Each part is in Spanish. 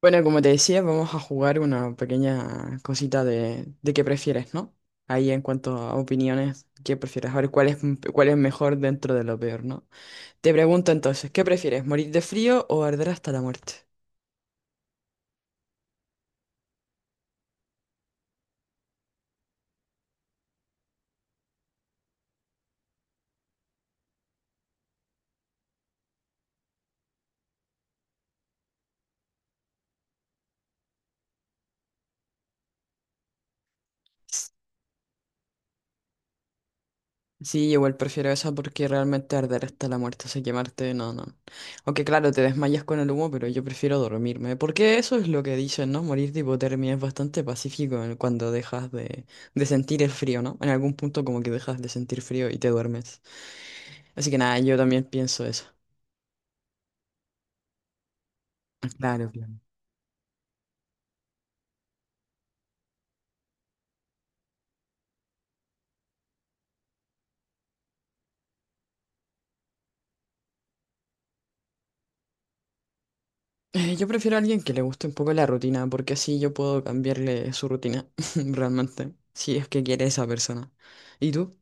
Bueno, como te decía, vamos a jugar una pequeña cosita de qué prefieres, ¿no? Ahí en cuanto a opiniones, ¿qué prefieres? A ver cuál es mejor dentro de lo peor, ¿no? Te pregunto entonces, ¿qué prefieres? ¿Morir de frío o arder hasta la muerte? Sí, igual prefiero eso porque realmente arder hasta la muerte, o sea, quemarte, no, no. Aunque claro, te desmayas con el humo, pero yo prefiero dormirme. Porque eso es lo que dicen, ¿no? Morir de hipotermia es bastante pacífico cuando dejas de sentir el frío, ¿no? En algún punto como que dejas de sentir frío y te duermes. Así que nada, yo también pienso eso. Claro, claro. Yo prefiero a alguien que le guste un poco la rutina, porque así yo puedo cambiarle su rutina, realmente, si es que quiere esa persona. ¿Y tú?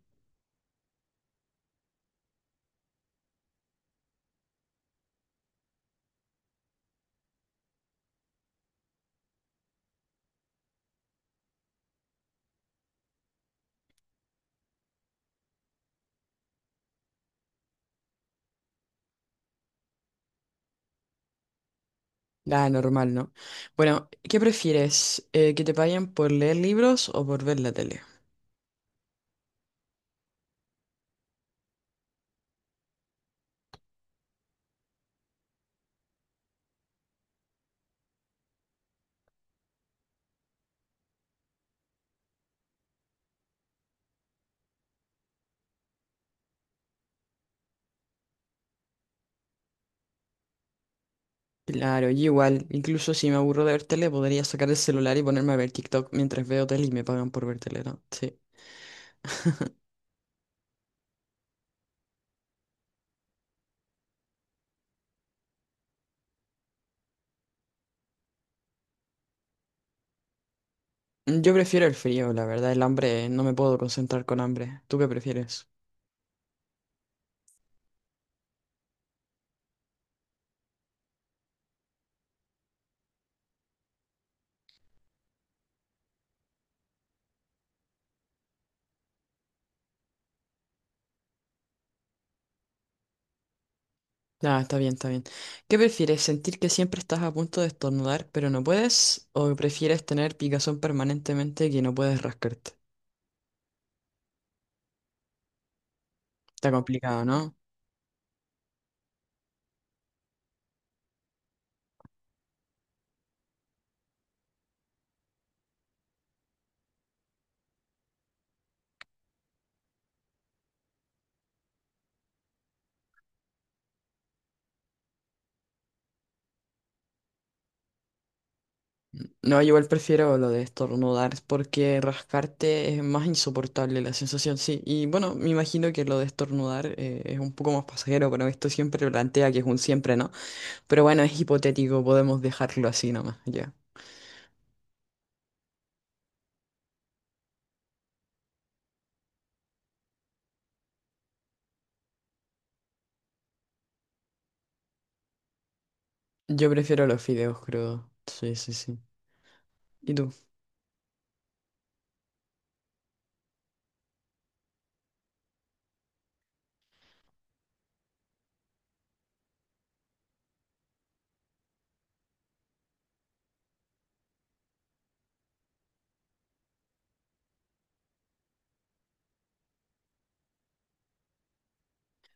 Ah, normal, ¿no? Bueno, ¿qué prefieres? ¿Que te paguen por leer libros o por ver la tele? Claro, yo igual, incluso si me aburro de ver tele, podría sacar el celular y ponerme a ver TikTok mientras veo tele y me pagan por ver tele, ¿no? Sí. Yo prefiero el frío, la verdad, el hambre, no me puedo concentrar con hambre. ¿Tú qué prefieres? Ah, está bien, está bien. ¿Qué prefieres? ¿Sentir que siempre estás a punto de estornudar, pero no puedes? ¿O prefieres tener picazón permanentemente que no puedes rascarte? Está complicado, ¿no? No, yo igual prefiero lo de estornudar porque rascarte es más insoportable la sensación, sí. Y bueno, me imagino que lo de estornudar es un poco más pasajero, pero esto siempre plantea que es un siempre, ¿no? Pero bueno, es hipotético, podemos dejarlo así nomás, ya. Yo prefiero los fideos crudos. Sí, sí, sí. ¿Y tú?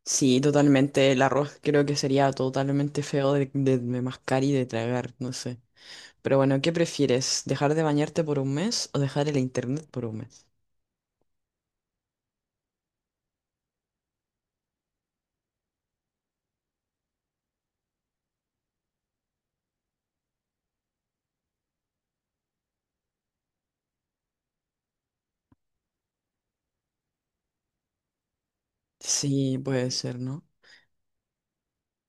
Sí, totalmente. El arroz creo que sería totalmente feo de mascar y de tragar, no sé. Pero bueno, ¿qué prefieres? ¿Dejar de bañarte por un mes o dejar el internet por un mes? Sí, puede ser, ¿no?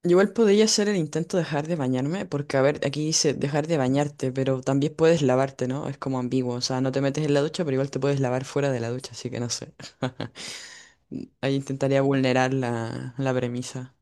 Yo igual podría hacer el intento de dejar de bañarme, porque a ver, aquí dice dejar de bañarte, pero también puedes lavarte, ¿no? Es como ambiguo, o sea, no te metes en la ducha, pero igual te puedes lavar fuera de la ducha, así que no sé. Ahí intentaría vulnerar la premisa.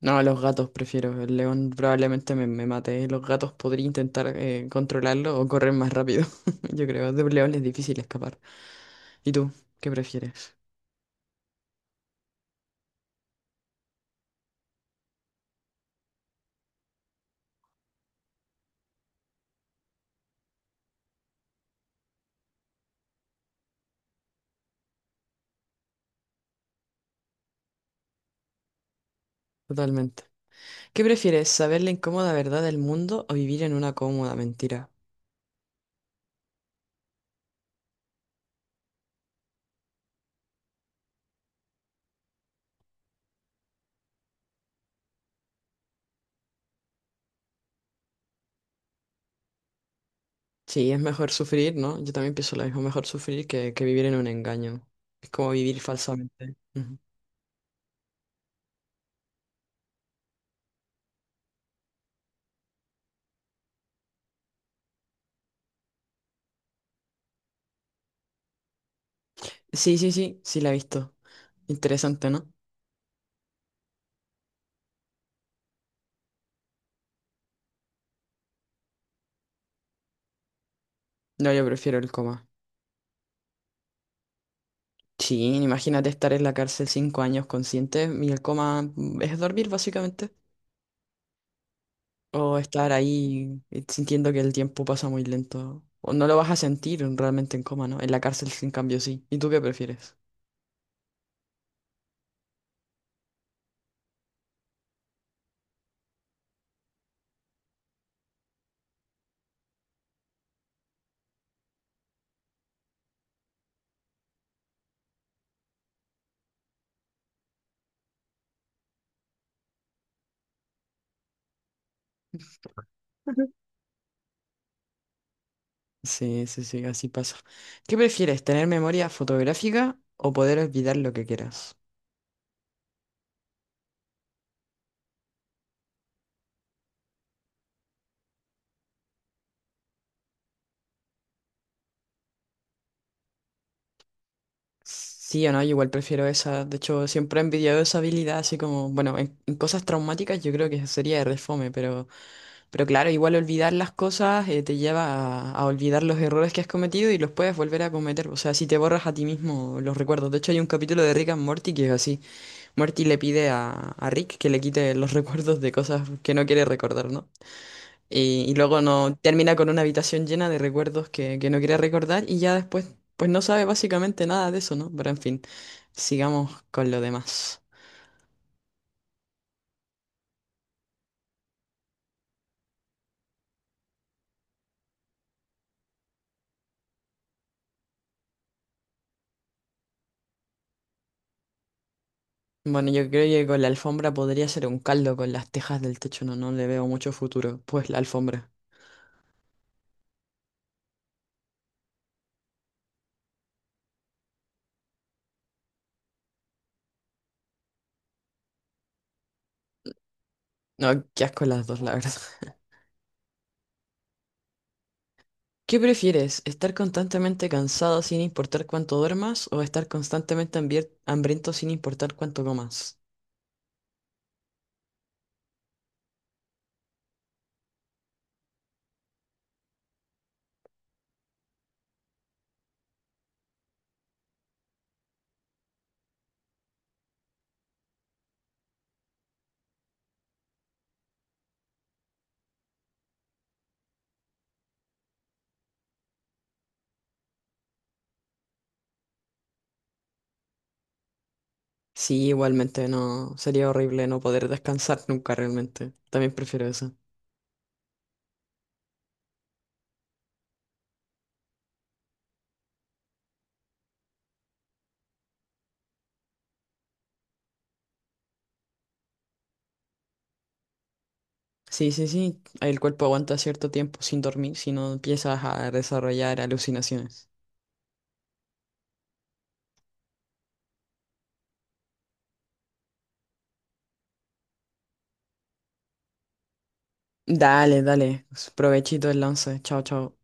No, a los gatos prefiero. El león probablemente me mate. ¿Eh? Los gatos podría intentar controlarlo o correr más rápido. Yo creo, de un león es difícil escapar. ¿Y tú? ¿Qué prefieres? Totalmente. ¿Qué prefieres? ¿Saber la incómoda verdad del mundo o vivir en una cómoda mentira? Sí, es mejor sufrir, ¿no? Yo también pienso lo mismo, mejor sufrir que vivir en un engaño. Es como vivir falsamente. Ujú. Sí, sí, sí, sí la he visto. Interesante, ¿no? No, yo prefiero el coma. Sí, imagínate estar en la cárcel 5 años consciente y el coma mm, es dormir, básicamente. O estar ahí sintiendo que el tiempo pasa muy lento. O no lo vas a sentir realmente en coma, ¿no? En la cárcel, sin cambio, sí. ¿Y tú qué prefieres? Sí, sí, sí, así pasa. ¿Qué prefieres, tener memoria fotográfica o poder olvidar lo que quieras? Sí o no, yo igual prefiero esa. De hecho, siempre he envidiado esa habilidad, así como, bueno, en cosas traumáticas yo creo que sería re fome, pero claro, igual olvidar las cosas te lleva a olvidar los errores que has cometido y los puedes volver a cometer. O sea, si te borras a ti mismo los recuerdos. De hecho, hay un capítulo de Rick and Morty que es así. Morty le pide a Rick que le quite los recuerdos de cosas que no quiere recordar, ¿no? Y luego no termina con una habitación llena de recuerdos que no quiere recordar y ya después pues no sabe básicamente nada de eso, ¿no? Pero en fin, sigamos con lo demás. Bueno, yo creo que con la alfombra podría ser un caldo con las tejas del techo, no, no le veo mucho futuro. Pues la alfombra. No, qué asco las dos, la verdad. ¿Qué prefieres? ¿Estar constantemente cansado sin importar cuánto duermas o estar constantemente hambriento sin importar cuánto comas? Sí, igualmente no. Sería horrible no poder descansar nunca realmente. También prefiero eso. Sí, sí, sí. El cuerpo aguanta cierto tiempo sin dormir si no empiezas a desarrollar alucinaciones. Dale, dale. Provechito el once. Chao, chao.